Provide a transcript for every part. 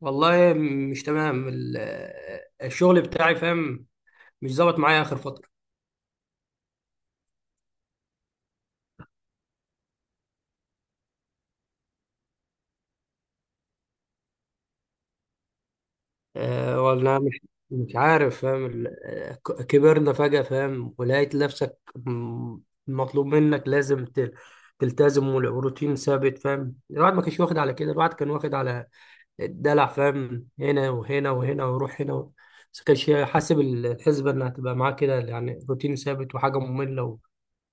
والله، مش تمام ال-، الشغل بتاعي فاهم. مش ظابط معايا اخر فتره. أه ولا مش، مش عارف فاهم ال-، ك- كبرنا فجاه فاهم، ولقيت نفسك م- مطلوب منك لازم ت- تلتزم، والروتين ثابت فاهم. الواحد ما كانش واخد على كده، الواحد كان واخد على الدلع فاهم، هنا وهنا وهنا وروح هنا و... بس كانش حاسب الحسبه انها تبقى معاه كده، روتين ثابت وحاجه ممله و...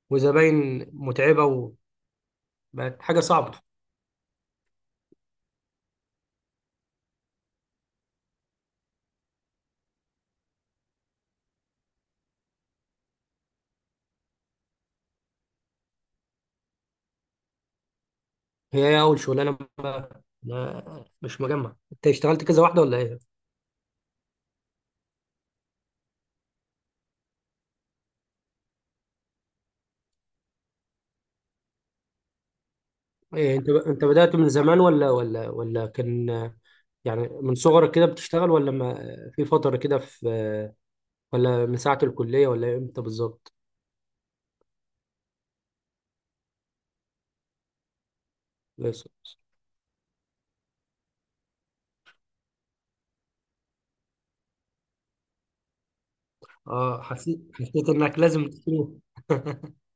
وزباين متعبه، وبقت حاجه صعبه. هي إيه اول شغلانه؟ ما- مش مجمع انت اشتغلت كذا واحده ولا ايه؟ إيه، انت انت بدأت من زمان ولا كان من صغرك كده بتشتغل، ولا ما في فتره كده في، ولا من ساعه الكليه ولا امتى بالظبط؟ بس- اه حسيت، حسيت انك لازم تشيل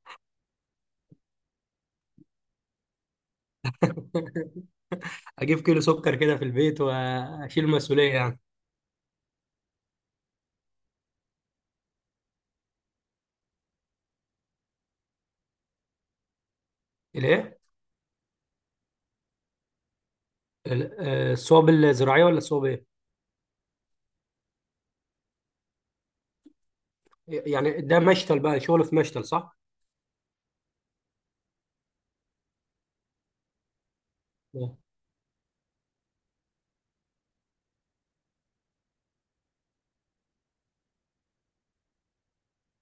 اجيب كيلو سكر كده في البيت واشيل المسؤوليه الايه؟ ال- آه، الصواب الزراعيه ولا الصواب ايه؟ ده مشتل بقى، شغل في مشتل صح؟ اه.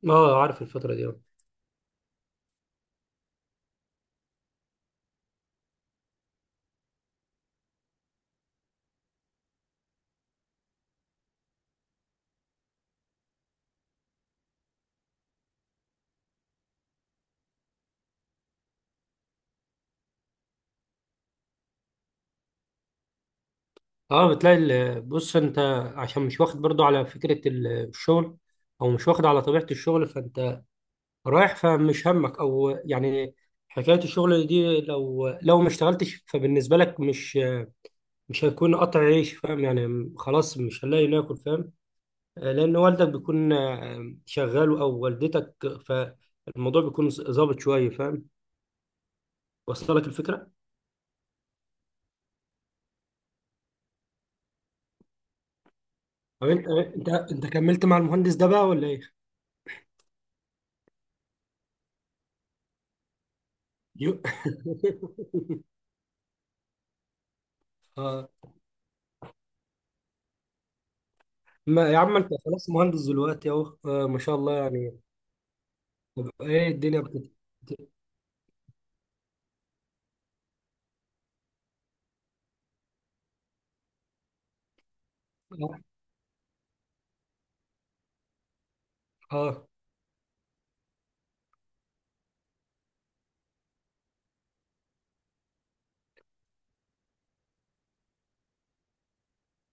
آه، عارف الفتره دي آه. اه بتلاقي ال- بص انت، عشان مش واخد برضو على فكرة ال- الشغل، او مش واخد على طبيعة الشغل، فانت رايح فمش همك او حكاية الشغل دي لو ما اشتغلتش فبالنسبة لك مش، مش هيكون قطع عيش فاهم. خلاص مش هنلاقي ناكل فاهم. آه، لان والدك بيكون آه، شغال او والدتك، فالموضوع بيكون ظابط شوية فاهم. وصل لك الفكرة؟ طب انت، انت كملت مع المهندس ده بقى ولا ايه؟ يو- اه. ما يا عم انت خلاص مهندس دلوقتي اهو، آه ما شاء الله يعني. طب ايه الدنيا بتت... اه.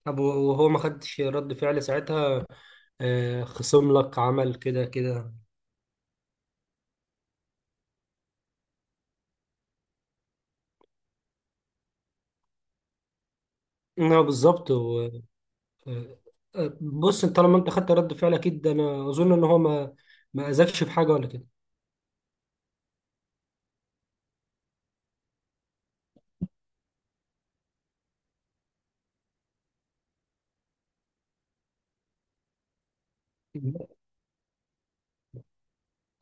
طب وهو ما خدش رد فعل ساعتها؟ آه خصم لك، عمل كده كده؟ اه بالظبط و... آه. آه، بص انت طالما انت خدت رد فعل، اكيد ده انا اظن ان هو ما، ما اذاكش في حاجه ولا كده.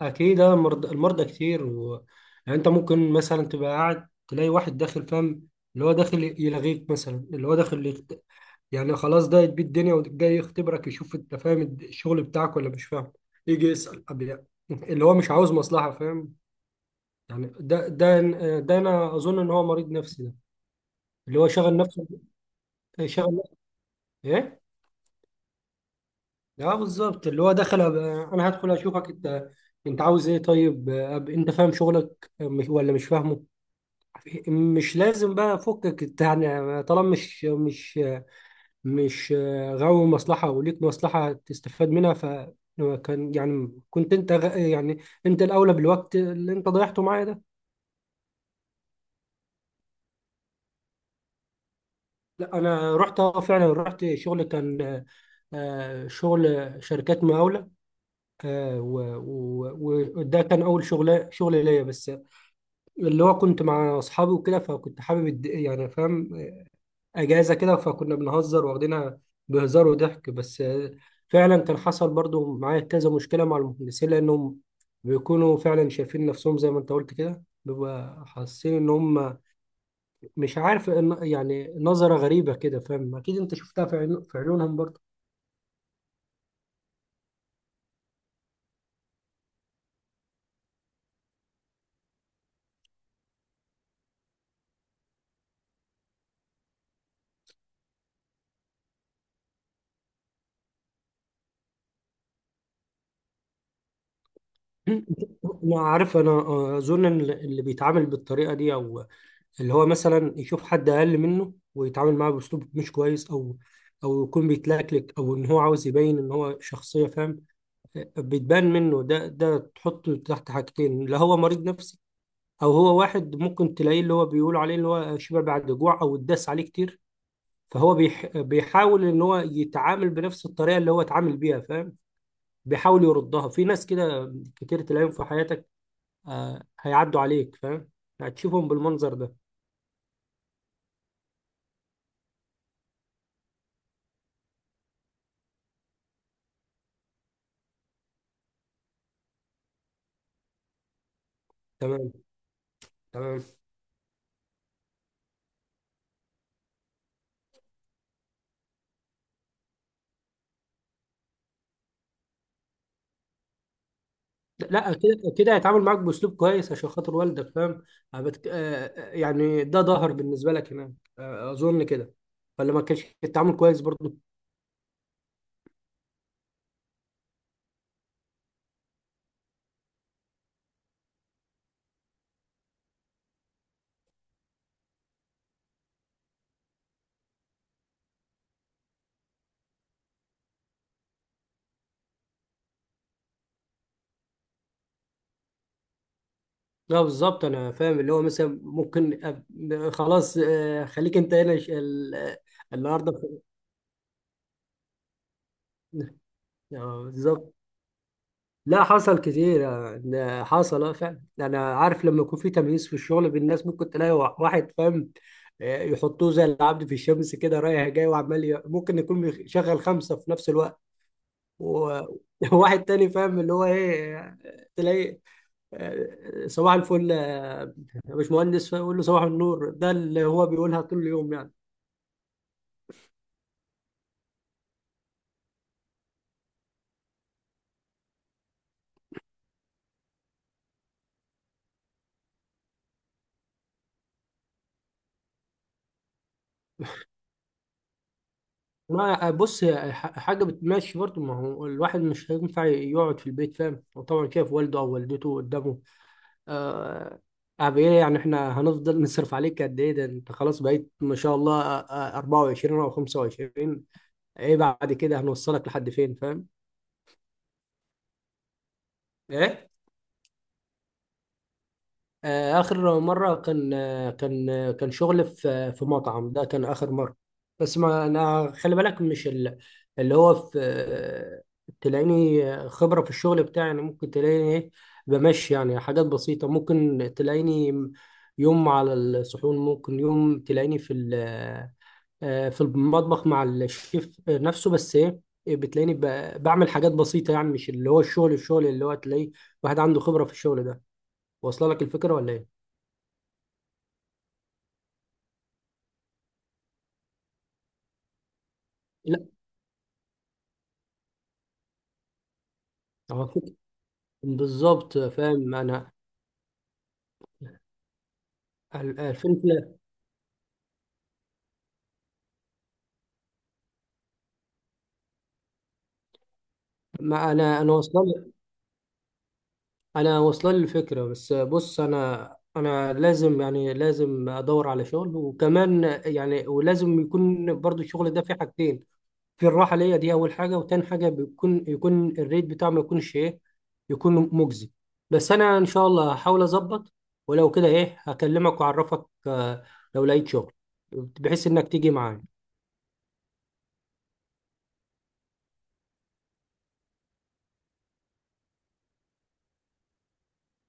اكيد آه، مرض- المرضى كتير و... انت ممكن مثلا تبقى قاعد تلاقي واحد داخل فاهم، اللي هو داخل يلغيك، مثلا اللي هو داخل خلاص ده يتبي الدنيا وجاي يختبرك، يشوف انت فاهم الشغل بتاعك ولا مش فاهم، يجي يسأل أب يعني. اللي هو مش عاوز مصلحة فاهم. يعني ده ده ده انا اظن ان هو مريض نفسي ده، اللي هو شغل نفسه، شغل نفسه ايه. اه بالظبط، اللي هو دخل أب- انا هدخل اشوفك انت، انت عاوز ايه طيب أب، انت فاهم شغلك مش ولا مش فاهمه؟ مش لازم بقى فكك انت، طالما مش مش آه، غاوي مصلحة وليك مصلحة تستفاد منها، ف كان كنت انت غ- يعني انت الاولى بالوقت اللي انت ضيعته معايا ده. لا انا رحت، اه فعلا رحت شغل كان آه، آه، شغل شركات مقاولة آه، وده كان اول شغل، شغل ليا بس اللي هو كنت مع اصحابي وكده، فكنت حابب الد- فاهم، اجازه كده فكنا بنهزر واخدينها بهزار وضحك بس آه، فعلا كان حصل برضو معايا كذا مشكله مع المهندسين، لانهم بيكونوا فعلا شايفين نفسهم زي ما انت قلت كده، بيبقى حاسين ان هم مش عارف إن نظره غريبه كده فاهم. اكيد انت شفتها في عيون- في عيونهم برضو. انا عارف، انا آه، اظن إن اللي بيتعامل بالطريقه دي، او اللي هو مثلا يشوف حد اقل منه ويتعامل معاه باسلوب مش كويس، او او يكون بيتلكلك، او ان هو عاوز يبين ان هو شخصيه فاهم بتبان منه، ده تحطه تحت حاجتين: لا هو مريض نفسي، او هو واحد ممكن تلاقيه اللي هو بيقولوا عليه اللي هو شبع بعد جوع، او اتداس عليه كتير، فهو بيحاول ان هو يتعامل بنفس الطريقه اللي هو اتعامل بيها فاهم، بيحاول يردها في ناس. كده كتير تلاقيهم في حياتك. آه هيعدوا عليك فاهم، هتشوفهم بالمنظر ده. تمام. تمام. لا كده كده هيتعامل معاك باسلوب كويس عشان خاطر والدك فاهم. هبت- آه، ده ظهر بالنسبه لك هناك آه، اظن كده. ولا ما كانش التعامل كويس برضه؟ لا بالظبط، انا فاهم. اللي هو مثلا ممكن أب- خلاص آه، خليك انت هنا ش- ال- آه، النهارده في- آه، بالظبط. لا حصل كتير آه، ده حصل، اه فعلا انا عارف لما يكون في تمييز في الشغل بين الناس. ممكن تلاقي وا- واحد فاهم آه، يحطوه زي العبد في الشمس كده، رايح جاي وعمال ي- ممكن يكون مشغل خمسه في نفس الوقت، و- وواحد تاني فاهم اللي هو ايه، تلاقي آه، صباح الفل آه، يا باشمهندس، فيقول له صباح النور. ده اللي هو بيقولها طول اليوم يعني. ما بص هي ح- حاجة بتمشي برضه، ما هو الواحد مش هينفع يقعد في البيت فاهم، وطبعا شايف والده أو والدته قدامه آه، أب إيه إحنا هنفضل نصرف عليك قد إيه؟ ده أنت خلاص بقيت ما شاء الله آه، آه، 24 أو 25. إيه بعد كده، هنوصلك لحد فين فاهم؟ إيه؟ آه، آخر مرة كان آه، كان آه، كان شغل في في مطعم، ده كان آخر مرة. بس ما أنا خلي بالك مش ال-، اللي هو في آه، تلاقيني خبرة في الشغل بتاعي، ممكن تلاقيني إيه، بمشي حاجات بسيطة. ممكن تلاقيني يوم على الصحون، ممكن يوم تلاقيني في ال- آه، آه، في المطبخ مع الشيف نفسه، بس إيه، بتلاقيني ب- بعمل حاجات بسيطة مش اللي هو الشغل، الشغل اللي هو تلاقي واحد عنده خبرة في الشغل ده. واصلة لك الفكرة ولا إيه؟ لا هو فكرة، بالظبط فاهم انا. ال- الفكره، ما انا، انا واصله، انا واصله لي الفكره، بس بص انا، انا لازم لازم ادور على شغل، وكمان ولازم يكون برضو الشغل ده فيه حاجتين: في الراحه ليا دي اول حاجه، وتاني حاجه بيكون، يكون الريت بتاعه ما يكونش ايه، يكون مجزي. بس انا ان شاء الله هحاول اظبط، ولو كده ايه هكلمك واعرفك آه، لو لقيت شغل، بحيث انك تيجي معايا.